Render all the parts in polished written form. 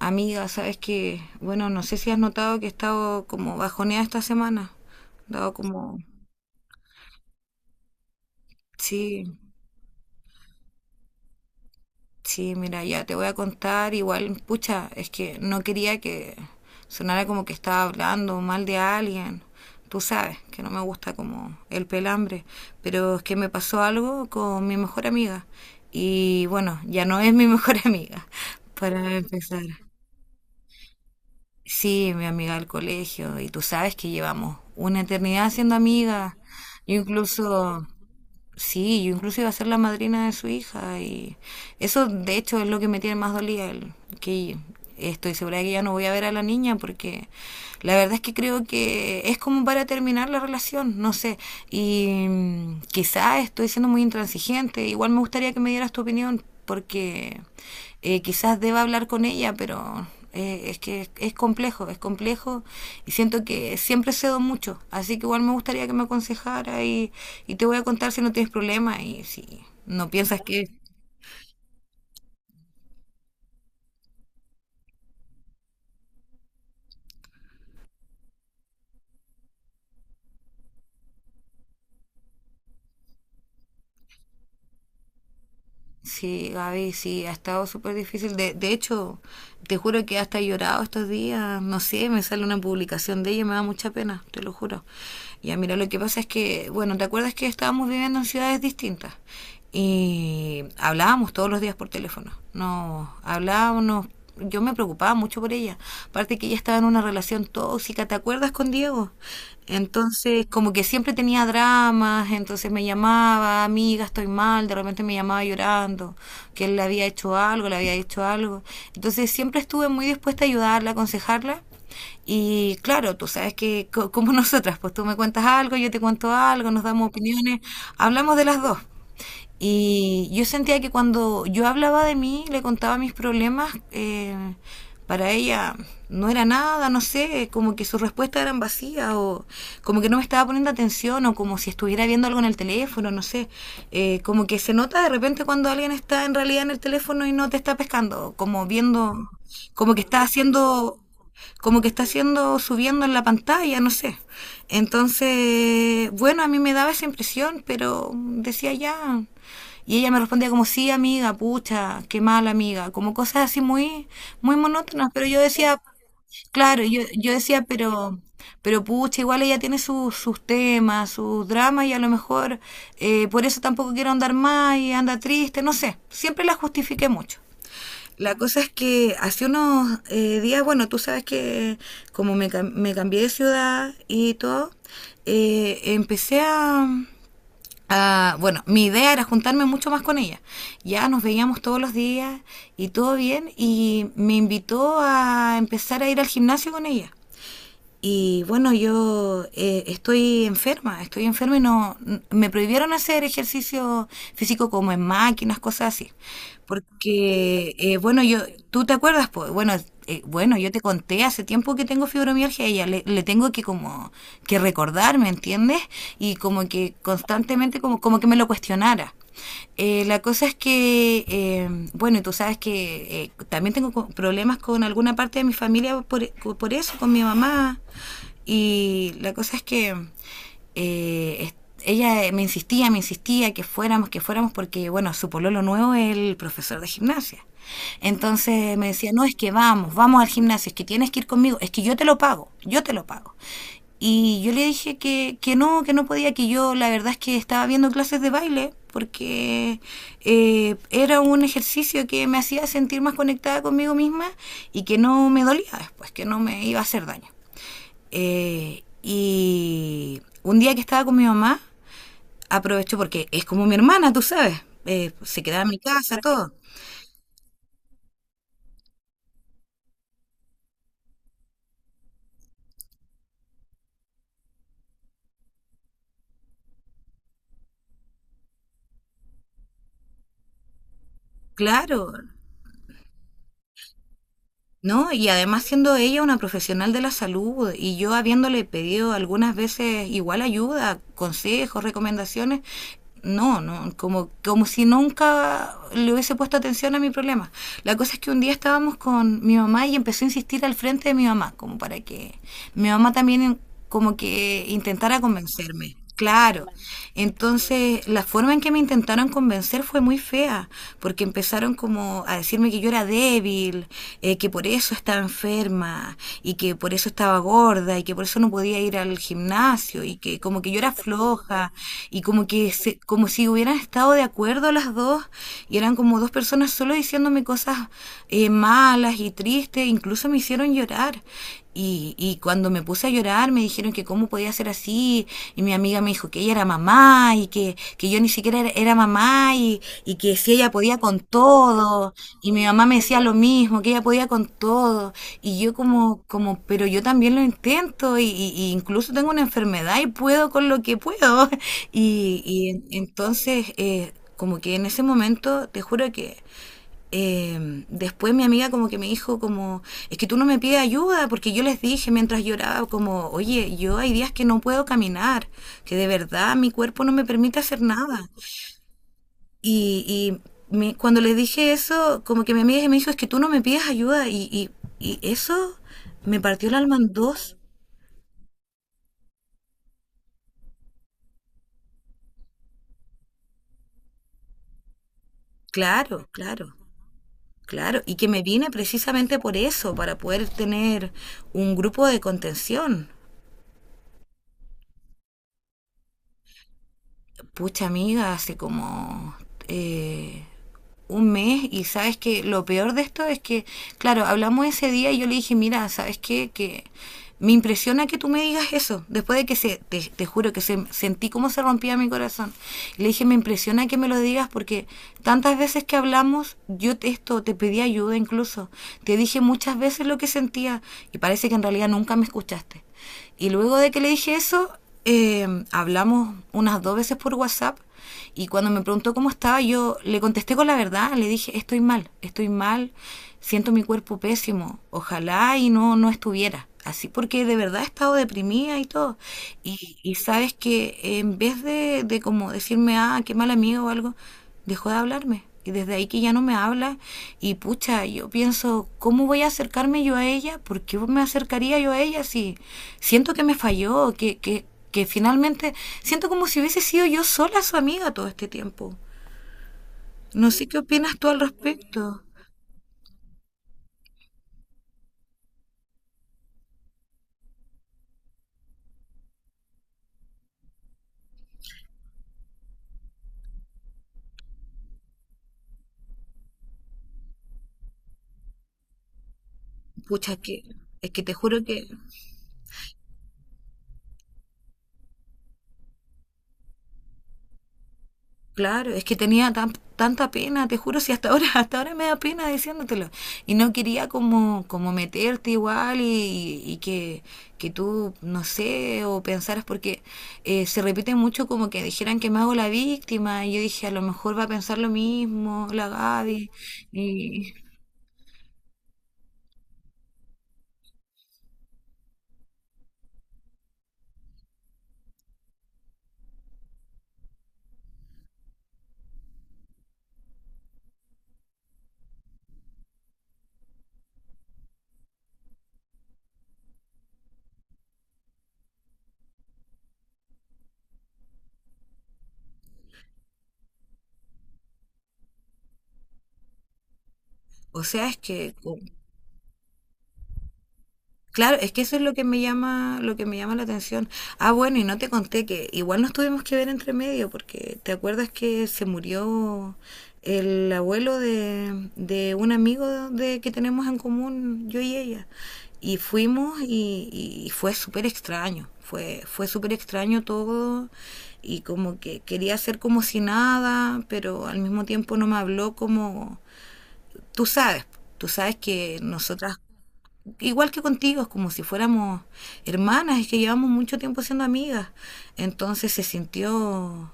Amiga, sabes que, bueno, no sé si has notado que he estado como bajoneada esta semana. Dado como, sí, sí, mira, ya te voy a contar. Igual, pucha, es que no quería que sonara como que estaba hablando mal de alguien. Tú sabes que no me gusta como el pelambre, pero es que me pasó algo con mi mejor amiga. Y bueno, ya no es mi mejor amiga, para empezar. Sí, mi amiga del colegio, y tú sabes que llevamos una eternidad siendo amigas. Yo incluso, sí, yo incluso iba a ser la madrina de su hija, y eso de hecho es lo que me tiene más dolida, que estoy segura de que ya no voy a ver a la niña porque la verdad es que creo que es como para terminar la relación, no sé. Y quizá estoy siendo muy intransigente, igual me gustaría que me dieras tu opinión, porque quizás deba hablar con ella, pero es que es complejo, es complejo y siento que siempre cedo mucho, así que igual me gustaría que me aconsejara y te voy a contar si no tienes problema y si no piensas que. Sí, Gaby, sí, ha estado súper difícil. De hecho, te juro que hasta he llorado estos días. No sé, me sale una publicación de ella y me da mucha pena, te lo juro. Ya, mira, lo que pasa es que, bueno, ¿te acuerdas que estábamos viviendo en ciudades distintas? Y hablábamos todos los días por teléfono. No, hablábamos, nos yo me preocupaba mucho por ella. Aparte que ella estaba en una relación tóxica, ¿te acuerdas con Diego? Entonces, como que siempre tenía dramas, entonces me llamaba, amiga, estoy mal, de repente me llamaba llorando, que él le había hecho algo, le había hecho algo. Entonces, siempre estuve muy dispuesta a ayudarla, aconsejarla. Y claro, tú sabes que como nosotras, pues tú me cuentas algo, yo te cuento algo, nos damos opiniones, hablamos de las dos. Y yo sentía que cuando yo hablaba de mí, le contaba mis problemas, para ella no era nada, no sé, como que sus respuestas eran vacías o como que no me estaba poniendo atención o como si estuviera viendo algo en el teléfono, no sé. Como que se nota de repente cuando alguien está en realidad en el teléfono y no te está pescando, como viendo, como que está haciendo como que está haciendo, subiendo en la pantalla, no sé. Entonces, bueno, a mí me daba esa impresión, pero decía ya. Y ella me respondía como, sí, amiga, pucha, qué mal, amiga. Como cosas así muy, muy monótonas. Pero yo decía, claro, yo decía, pero pucha, igual ella tiene sus temas, sus dramas y a lo mejor por eso tampoco quiero andar más y anda triste, no sé. Siempre la justifiqué mucho. La cosa es que hace unos días, bueno, tú sabes que me cambié de ciudad y todo, eh, empecé a, Bueno, mi idea era juntarme mucho más con ella. Ya nos veíamos todos los días y todo bien, y me invitó a empezar a ir al gimnasio con ella. Y bueno, yo estoy enferma y no me prohibieron hacer ejercicio físico como en máquinas, cosas así. Porque bueno, yo tú te acuerdas, pues bueno, bueno, yo te conté hace tiempo que tengo fibromialgia y ya le tengo que como que recordar, ¿me entiendes? Y como que constantemente como que me lo cuestionara. La cosa es que, bueno, tú sabes que también tengo problemas con alguna parte de mi familia por eso, con mi mamá. Y la cosa es que eh, es- ella me insistía que fuéramos, porque, bueno, su pololo nuevo es el profesor de gimnasia. Entonces me decía, no, es que vamos, vamos al gimnasio, es que tienes que ir conmigo, es que yo te lo pago, yo te lo pago. Y yo le dije que no, que no podía, que yo la verdad es que estaba viendo clases de baile porque era un ejercicio que me hacía sentir más conectada conmigo misma y que no me dolía después, que no me iba a hacer daño. Y un día que estaba con mi mamá, aproveché porque es como mi hermana, tú sabes, se quedaba en mi casa, todo. Claro, no, y además siendo ella una profesional de la salud y yo habiéndole pedido algunas veces igual ayuda, consejos, recomendaciones, no, no, como si nunca le hubiese puesto atención a mi problema. La cosa es que un día estábamos con mi mamá y empezó a insistir al frente de mi mamá, como para que mi mamá también como que intentara convencerme. Claro. Entonces, la forma en que me intentaron convencer fue muy fea, porque empezaron como a decirme que yo era débil, que por eso estaba enferma, y que por eso estaba gorda, y que por eso no podía ir al gimnasio, y que como que yo era floja, y como que como si hubieran estado de acuerdo las dos y eran como dos personas solo diciéndome cosas malas y tristes, incluso me hicieron llorar. Cuando me puse a llorar me dijeron que cómo podía ser así y mi amiga me dijo que ella era mamá y que yo ni siquiera era, era mamá que si ella podía con todo y mi mamá me decía lo mismo, que ella podía con todo y yo como, como pero yo también lo intento y incluso tengo una enfermedad y puedo con lo que puedo entonces como que en ese momento, te juro que después mi amiga como que me dijo como, es que tú no me pides ayuda, porque yo les dije mientras lloraba como, oye, yo hay días que no puedo caminar, que de verdad mi cuerpo no me permite hacer nada. Y, Cuando les dije eso, como que mi amiga me dijo, es que tú no me pides ayuda. Y eso me partió el alma en dos. Claro, claro, claro. Y que me vine precisamente por eso, para poder tener un grupo de contención. Pucha amiga, hace como eh, un mes y sabes que lo peor de esto es que, claro, hablamos ese día y yo le dije, mira, ¿sabes qué? Que me impresiona que tú me digas eso, después de que te juro que sentí cómo se rompía mi corazón. Y le dije, me impresiona que me lo digas porque tantas veces que hablamos, yo te pedí ayuda incluso, te dije muchas veces lo que sentía y parece que en realidad nunca me escuchaste. Y luego de que le dije eso, hablamos unas dos veces por WhatsApp y cuando me preguntó cómo estaba, yo le contesté con la verdad, le dije, estoy mal, siento mi cuerpo pésimo, ojalá y no, no estuviera así, porque de verdad he estado deprimida y todo. Y sabes que en vez de como decirme, ah, qué mal amigo o algo, dejó de hablarme. Y desde ahí que ya no me habla. Y pucha, yo pienso, ¿cómo voy a acercarme yo a ella? ¿Por qué me acercaría yo a ella si siento que me falló? Que finalmente siento como si hubiese sido yo sola su amiga todo este tiempo. No sé qué opinas tú al respecto. Pucha, que es que te juro que. Claro, es que tenía tanta pena, te juro, si hasta ahora, hasta ahora me da pena diciéndotelo. Y no quería como meterte igual y que tú, no sé, o pensaras, porque se repite mucho como que dijeran que me hago la víctima, y yo dije, a lo mejor va a pensar lo mismo, la Gaby. Y, o sea, es que. Claro, es que eso es lo que me llama, lo que me llama la atención. Ah, bueno, y no te conté que igual nos tuvimos que ver entre medio, porque te acuerdas que se murió el abuelo de, un amigo de que tenemos en común, yo y ella. Y fuimos y fue súper extraño, fue súper extraño todo y como que quería hacer como si nada, pero al mismo tiempo no me habló como, tú sabes, tú sabes que nosotras igual que contigo, es como si fuéramos hermanas, es que llevamos mucho tiempo siendo amigas. Entonces se sintió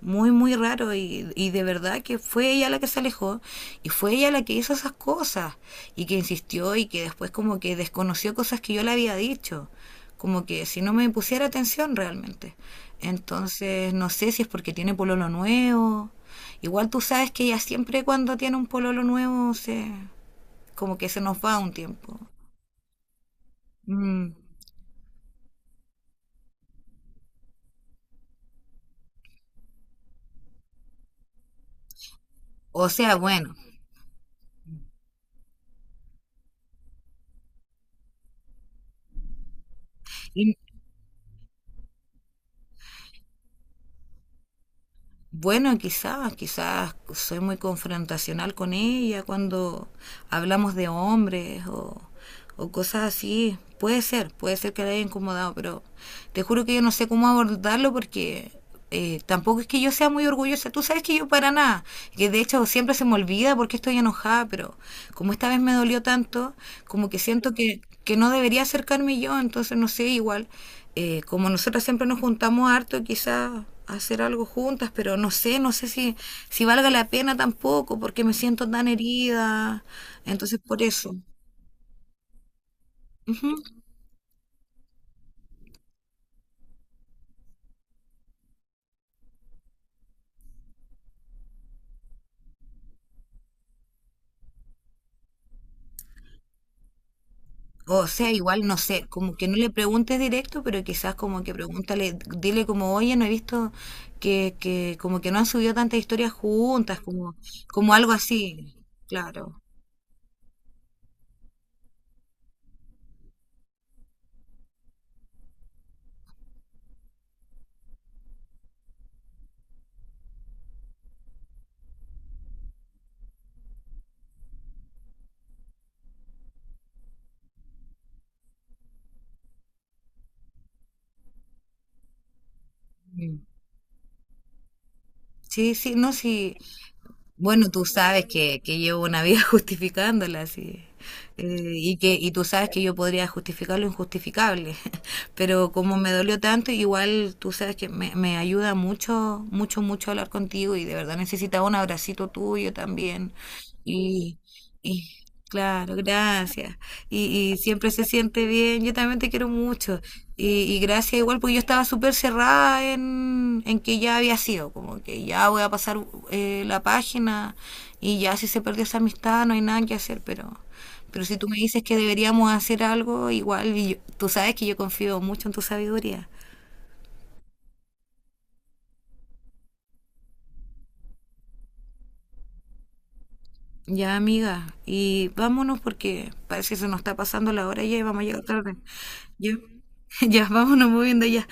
muy, muy raro y de verdad que fue ella la que se alejó y fue ella la que hizo esas cosas y que insistió y que después como que desconoció cosas que yo le había dicho, como que si no me pusiera atención realmente. Entonces no sé si es porque tiene pololo nuevo. Igual tú sabes que ella siempre cuando tiene un pololo nuevo se como que se nos va un tiempo. Mm. O sea, bueno, y bueno, quizás soy muy confrontacional con ella cuando hablamos de hombres o cosas así. Puede ser que la haya incomodado, pero te juro que yo no sé cómo abordarlo porque tampoco es que yo sea muy orgullosa. Tú sabes que yo para nada, que de hecho siempre se me olvida porque estoy enojada, pero como esta vez me dolió tanto, como que siento que no debería acercarme yo, entonces no sé, igual, como nosotras siempre nos juntamos harto, quizás hacer algo juntas, pero no sé, no sé si valga la pena tampoco, porque me siento tan herida, entonces por eso. Ujú. O sea, igual, no sé, como que no le preguntes directo, pero quizás como que pregúntale, dile como, oye, no he visto que como que no han subido tantas historias juntas, como, como algo así, claro. Mm. Sí, sí, no, sí, bueno, tú sabes que llevo una vida justificándola, sí. Y tú sabes que yo podría justificar lo injustificable, pero como me dolió tanto, igual tú sabes que me ayuda mucho, mucho, mucho hablar contigo y de verdad necesitaba un abracito tuyo también. Y, y claro, gracias. Y, y siempre se siente bien. Yo también te quiero mucho. Y gracias igual, porque yo estaba súper cerrada en que ya había sido, como que ya voy a pasar la página y ya si se perdió esa amistad no hay nada que hacer, pero si tú me dices que deberíamos hacer algo, igual, tú sabes que yo confío mucho en tu sabiduría. Ya, amiga, y vámonos porque parece que se nos está pasando la hora ya y vamos a llegar tarde. Ya, ya, vámonos moviendo ya.